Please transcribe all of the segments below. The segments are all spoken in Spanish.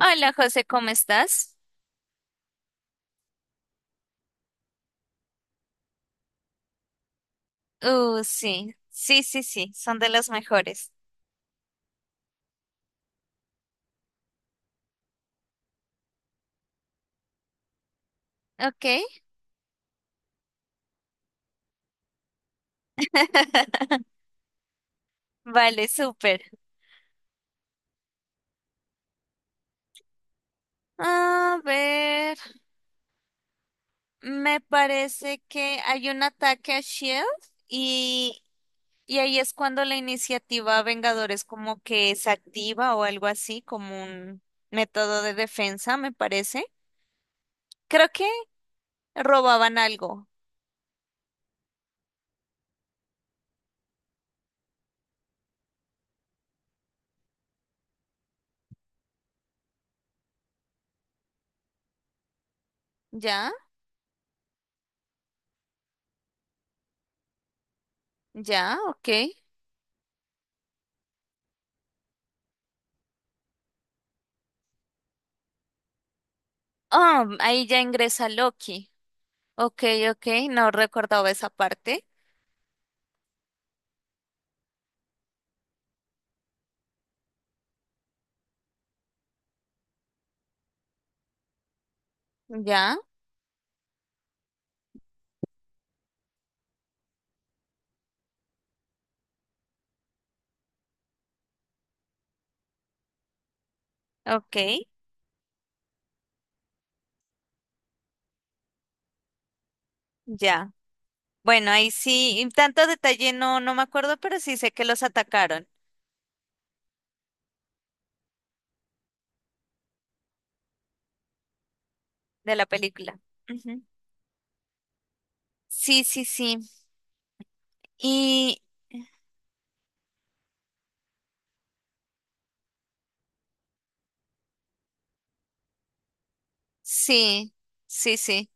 Hola José, ¿cómo estás? Sí, sí, sí, sí, son de los mejores. Ok, vale, súper. A ver, me parece que hay un ataque a Shield y, y ahí es cuando la iniciativa Vengadores como que se activa o algo así, como un método de defensa, me parece. Creo que robaban algo. Ya, ya, ok. Ah, ahí ya ingresa Loki. Ok, ok, no recordaba esa parte. Ya, ok, ya. Bueno, ahí sí, y tanto detalle no me acuerdo, pero sí sé que los atacaron de la película. Ujú. Sí, sí, sí. Y sí, sí, sí.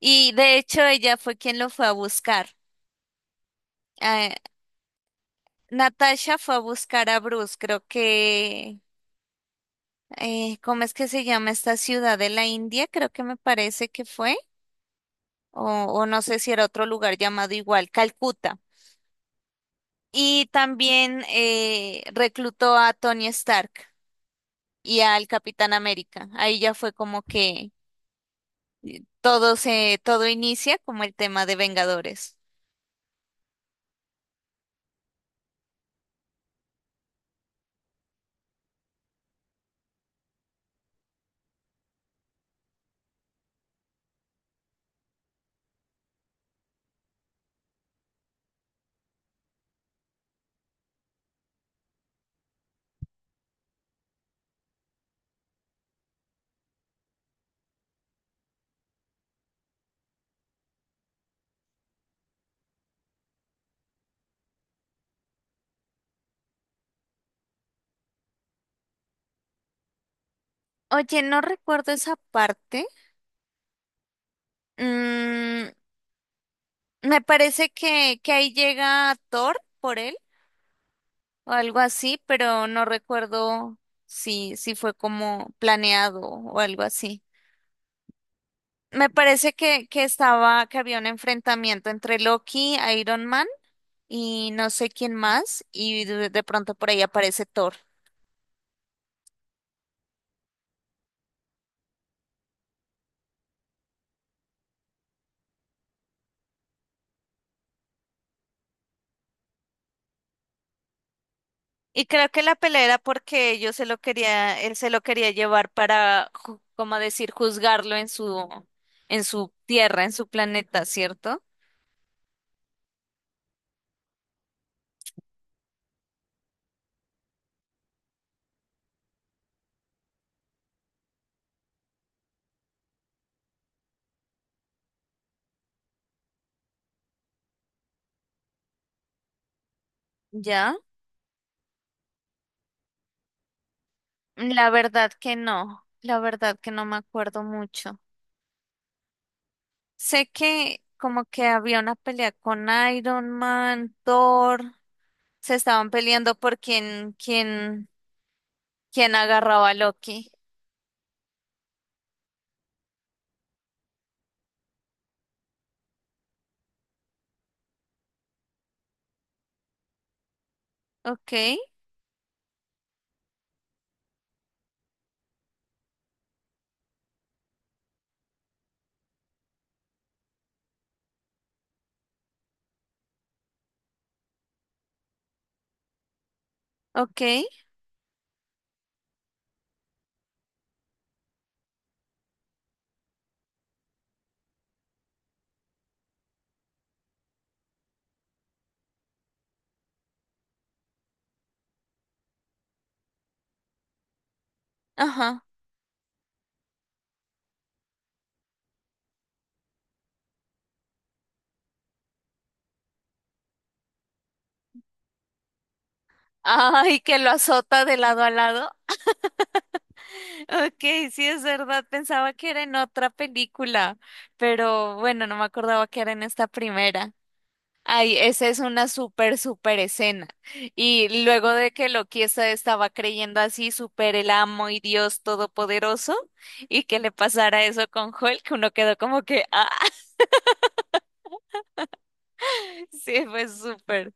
Y de hecho ella fue quien lo fue a buscar. Eh, Natasha fue a buscar a Bruce, creo ¿cómo es que se llama esta ciudad de la India? Creo que me parece que fue, o, o no sé si era otro lugar llamado igual, Calcuta. Y también reclutó a Tony Stark y al Capitán América. Ahí ya fue como que todo inicia como el tema de Vengadores. Oye, no recuerdo esa parte. Mm, me parece que ahí llega Thor por él o algo así, pero no recuerdo si fue como planeado o algo así. Me parece que había un enfrentamiento entre Loki, Iron Man y no sé quién más, y de pronto por ahí aparece Thor. Y creo que la pelea era porque yo se lo quería, él se lo quería llevar para, como decir, juzgarlo en su tierra, en su planeta, ¿cierto? ¿Ya? La verdad que no, la verdad que no me acuerdo mucho. Sé que como que había una pelea con Iron Man, Thor, se estaban peleando por quién agarraba a Loki. Ok, ok, ajá. Ay, que lo azota de lado a lado. Ok, sí es verdad, pensaba que era en otra película, pero bueno, no me acordaba que era en esta primera. Ay, esa es una súper, súper escena. Y luego de que Loki estaba creyendo así, súper el amo y Dios todopoderoso, y que le pasara eso con Hulk, uno quedó como que, ah, sí, fue súper.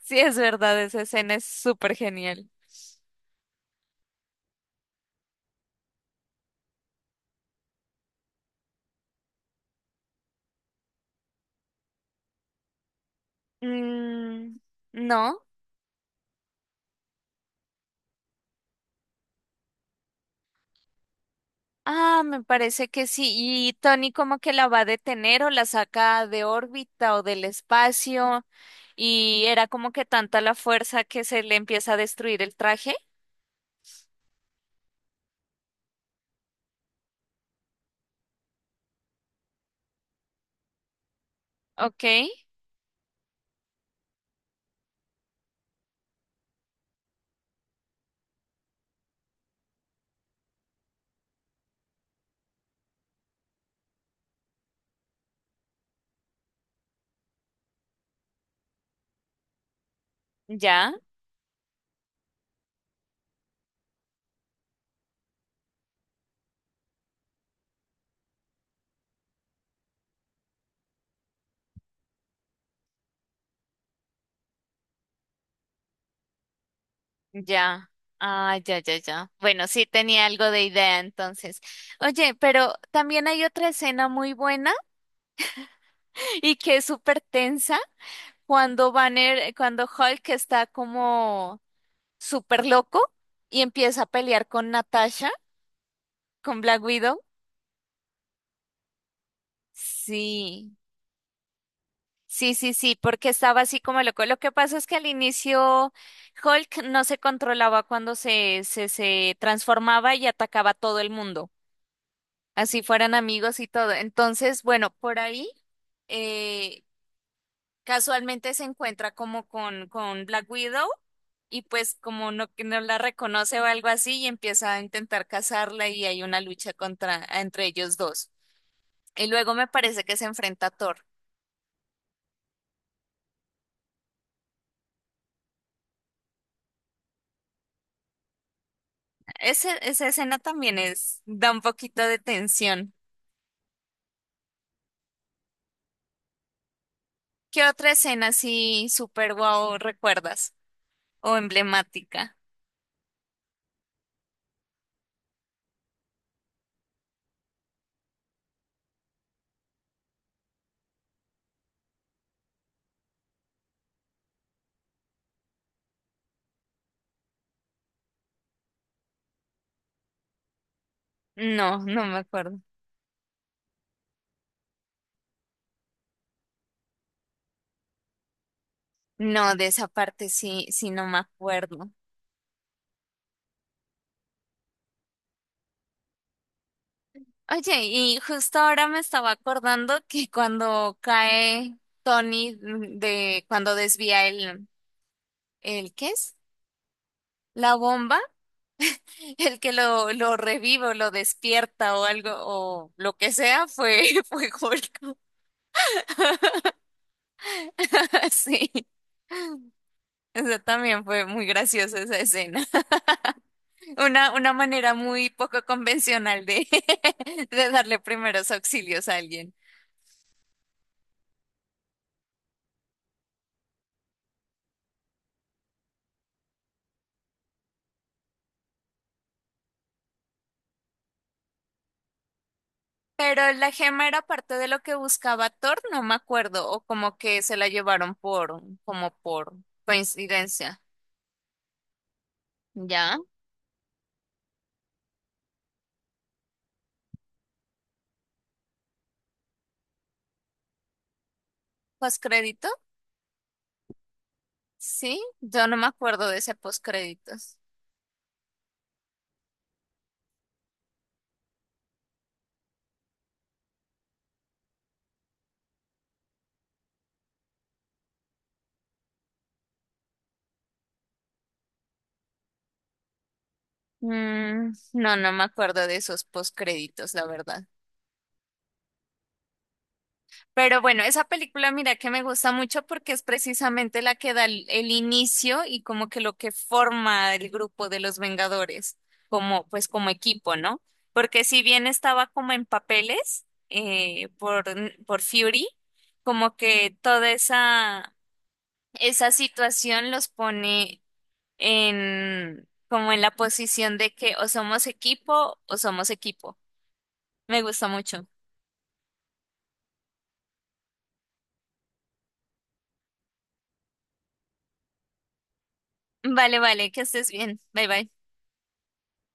Sí es verdad, esa escena es súper genial. Mm, ¿no? Ah, me parece que sí. Y Tony como que la va a detener o la saca de órbita o del espacio. Y era como que tanta la fuerza que se le empieza a destruir el traje. Ok, ya, ya. Ah, ya, ya, ya. Bueno, sí tenía algo de idea entonces. Oye, pero también hay otra escena muy buena y que es súper tensa cuando Banner, cuando Hulk está como súper loco y empieza a pelear con Natasha. ¿Con Black Widow? Sí, sí, sí, sí, porque estaba así como loco. Lo que pasa es que al inicio Hulk no se controlaba cuando se transformaba y atacaba a todo el mundo, así fueran amigos y todo. Entonces, bueno, por ahí eh, casualmente se encuentra como con Black Widow y pues como no, que no la reconoce o algo así y empieza a intentar cazarla y hay una lucha contra, entre ellos dos. Y luego me parece que se enfrenta a Thor. Esa escena también es, da un poquito de tensión. ¿Qué otra escena así súper guau recuerdas? O emblemática. No, no me acuerdo. No, de esa parte sí, sí no me acuerdo. Oye, y justo ahora me estaba acordando que cuando cae Tony de, cuando desvía ¿qué es? La bomba, el que lo revive o lo despierta o algo, o lo que sea, fue, fue Hulk. Sí. Eso también fue muy graciosa esa escena. Una manera muy poco convencional de, de darle primeros auxilios a alguien. Pero la gema era parte de lo que buscaba Thor, no me acuerdo, o como que se la llevaron por, como por coincidencia. ¿Ya? ¿Postcrédito? Sí, yo no me acuerdo de ese postcréditos. Mm, no, no me acuerdo de esos postcréditos, la verdad. Pero bueno, esa película mira que me gusta mucho porque es precisamente la que da el inicio y como que lo que forma el grupo de los Vengadores, como pues como equipo, ¿no? Porque si bien estaba como en papeles por Fury, como que esa situación los pone en como en la posición de que o somos equipo o somos equipo. Me gusta mucho. Vale, vale, que estés bien. Bye, bye.